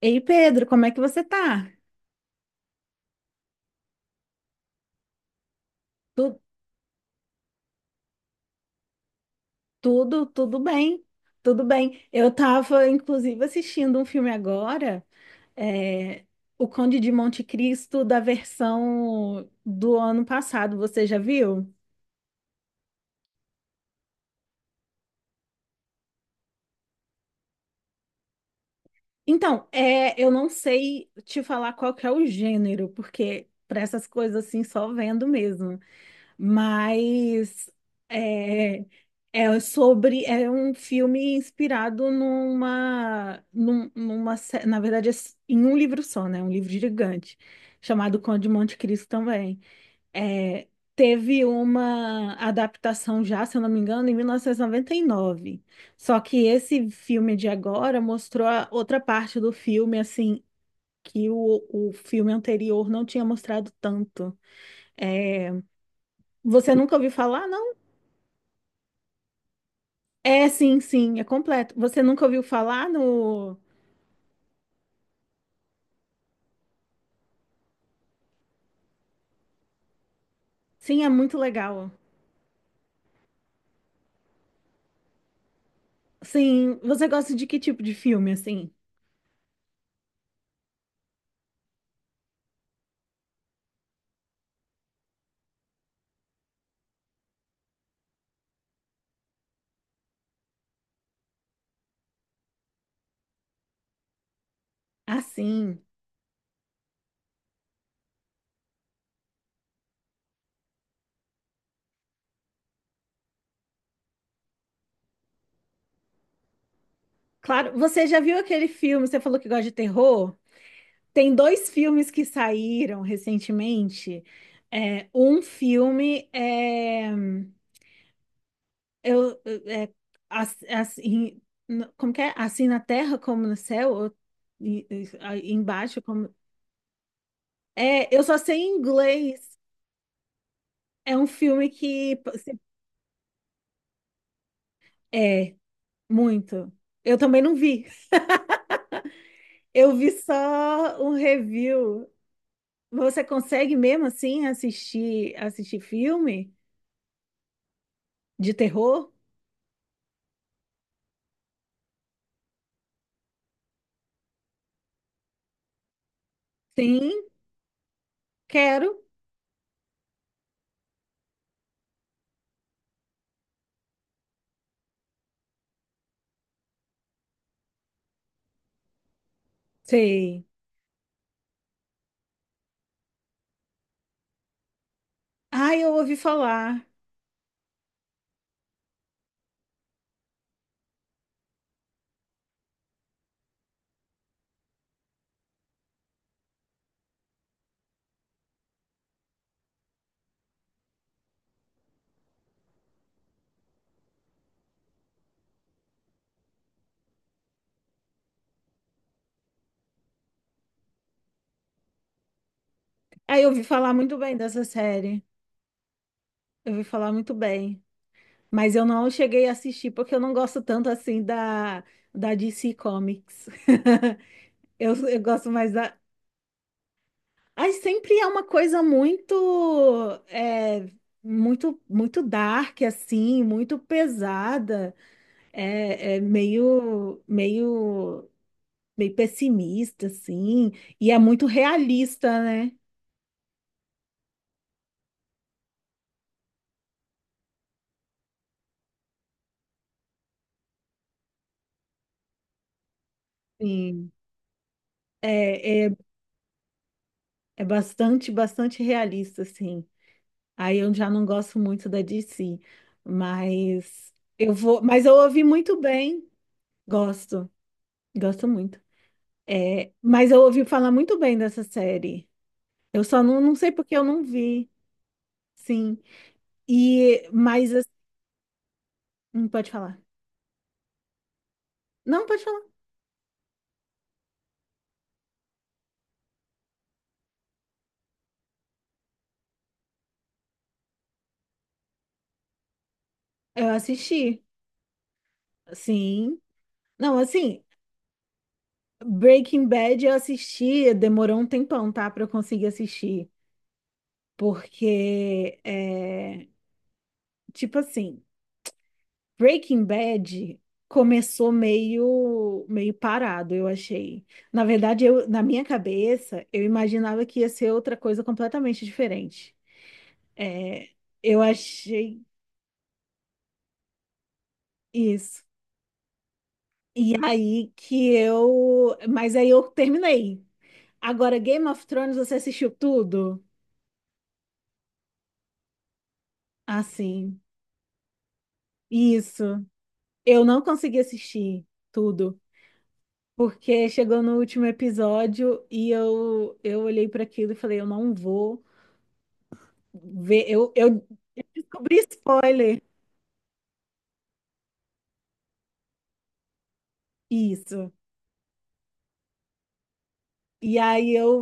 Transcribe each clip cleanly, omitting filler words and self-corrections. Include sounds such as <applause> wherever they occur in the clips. Ei, Pedro, como é que você tá? Tu- tudo, tudo bem, tudo bem. Eu tava, inclusive, assistindo um filme agora, é, O Conde de Monte Cristo, da versão do ano passado, você já viu? Então, eu não sei te falar qual que é o gênero, porque para essas coisas assim, só vendo mesmo. Mas é, é sobre um filme inspirado numa, num- numa sé- na verdade é s- em um livro só, né? Um livro gigante chamado Conde de Monte Cristo também. É, Teve uma adaptação já, se eu não me engano, em mil novecentos e noventa e nove. Só que esse filme de agora mostrou a outra parte do filme assim que o filme anterior não tinha mostrado tanto. É, você nunca ouviu falar? É, sim, sim, é completo. Você nunca ouviu falar no. Sim, é muito legal. Sim, você gosta de que tipo de filme, assim? Ah, sim. Claro, você já viu aquele filme? Você falou que gosta de terror? Tem dois filmes que saíram recentemente. É, um filme é. Eu, é as- assim, Como que é? Assim na terra como no céu, ou embaixo como. É, eu só sei em inglês. É um filme que é muito. Eu também não vi. Eu vi só um review. Você consegue mesmo assim assistir filme de terror? Sim, quero. Sei. Ah, eu ouvi falar. Ah, eu ouvi falar muito bem dessa série. Eu ouvi falar muito bem. Mas eu não cheguei a assistir porque eu não gosto tanto assim da DC Comics. <laughs> Eu gosto mais da, ai, sempre é uma coisa muito, é, muito, muito dark, assim, muito pesada, é, meio pessimista, assim, e é muito realista, né? Sim, é, é, é bastante, bastante realista, assim. Aí eu já não gosto muito da DC, mas eu vou, mas eu ouvi muito bem, gosto, gosto muito. É, mas eu ouvi falar muito bem dessa série. Eu só não sei porque eu não vi, sim. E, mas, não pode falar. Não, pode falar. Eu assisti, sim. Não, assim, Breaking Bad eu assisti, demorou um tempão, tá, pra eu conseguir assistir. Porque, é, tipo assim, Breaking Bad começou meio parado, eu achei. Na verdade, na minha cabeça, eu imaginava que ia ser outra coisa completamente diferente. É, eu achei isso. E aí que eu. Mas aí eu terminei. Agora, Game of Thrones, você assistiu tudo? Assim. Isso. Eu não consegui assistir tudo. Porque chegou no último episódio e eu olhei para aquilo e falei, eu não vou ver. Eu descobri spoiler. Isso. E aí eu,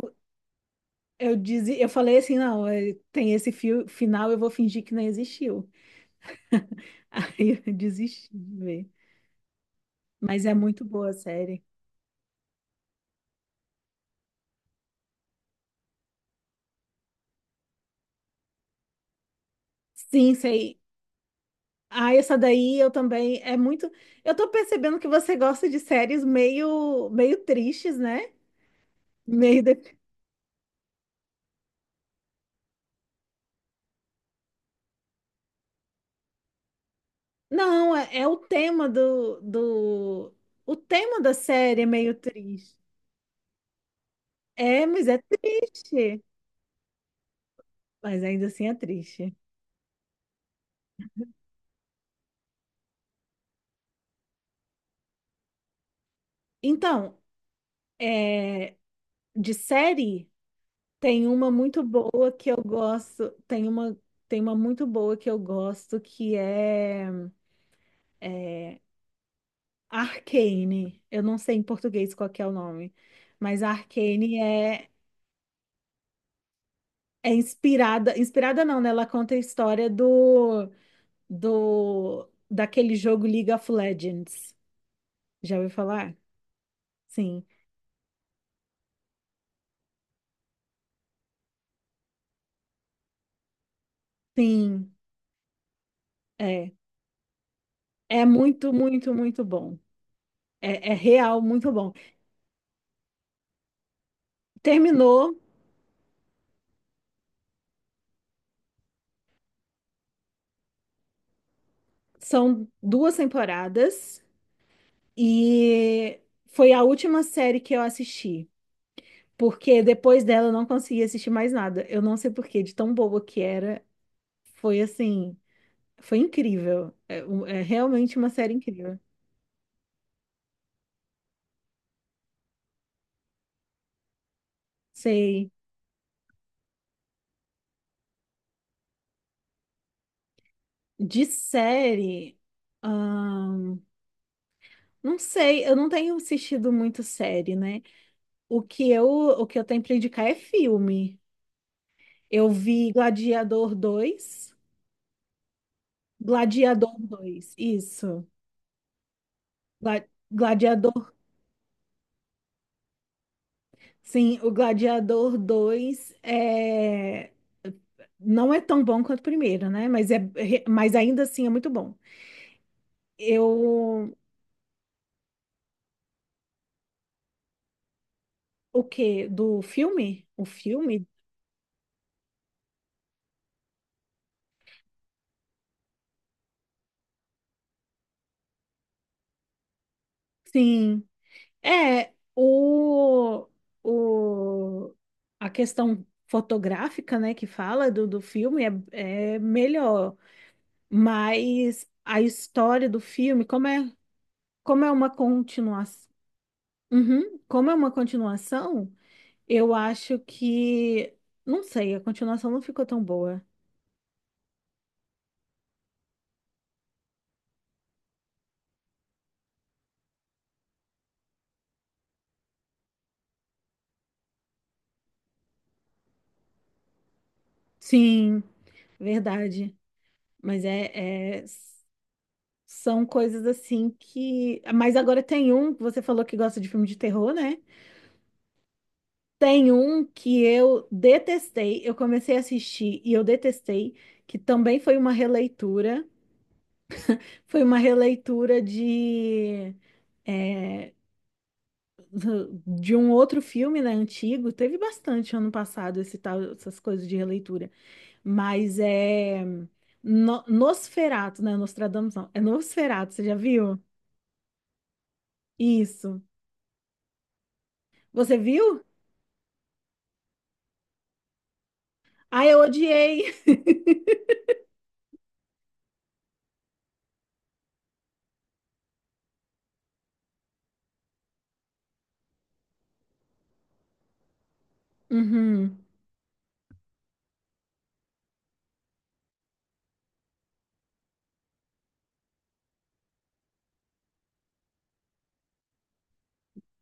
eu, dizia, eu falei assim, não, tem esse fio, final, eu vou fingir que não existiu. <laughs> Aí eu desisti de ver. Mas é muito boa a série. Sim, sei. Ah, essa daí eu também é muito. Eu tô percebendo que você gosta de séries meio tristes, né? Meio de- não, é o tema do. O tema da série é meio triste. É, mas é triste. Mas ainda assim é triste. Então, é, de série, tem uma muito boa que eu gosto. Tem uma muito boa que eu gosto que é Arcane. Eu não sei em português qual que é o nome, mas a Arcane é, é inspirada, inspirada não, né? Ela conta a história do, do daquele jogo League of Legends. Já ouviu falar? Sim, sim, é. É muito, muito, muito bom. É, é real, muito bom. Terminou, são duas temporadas e foi a última série que eu assisti. Porque depois dela eu não consegui assistir mais nada. Eu não sei por quê, de tão boa que era. Foi assim, foi incrível. É realmente uma série incrível. Sei. De série, ahn, não sei, eu não tenho assistido muito série, né? O que eu tenho pra indicar é filme. Eu vi Gladiador dois. Gladiador dois, isso. Gla- Gladiador. Sim, o Gladiador dois é... não é tão bom quanto o primeiro, né? Mas, é... mas ainda assim é muito bom. Eu. O quê? Do filme? O filme? Sim. É, o, o, a questão fotográfica, né, que fala do filme é, é melhor, mas a história do filme, como é uma continuação, uhum, como é uma continuação, eu acho que. Não sei, a continuação não ficou tão boa. Sim, verdade. Mas é, é- são coisas assim que. Mas agora tem um, você falou que gosta de filme de terror, né? Tem um que eu detestei, eu comecei a assistir e eu detestei, que também foi uma releitura. Foi uma releitura de. É, de um outro filme, né, antigo, teve bastante ano passado esse tal, essas coisas de releitura. Mas é no, Nosferatu, né? Nostradamus não. É Nosferatu, você já viu? Isso. Você viu? Ah, eu odiei. <laughs> Uhum.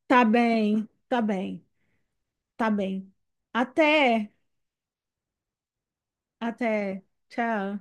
Tá bem, tá bem, tá bem. Até, até. Tchau.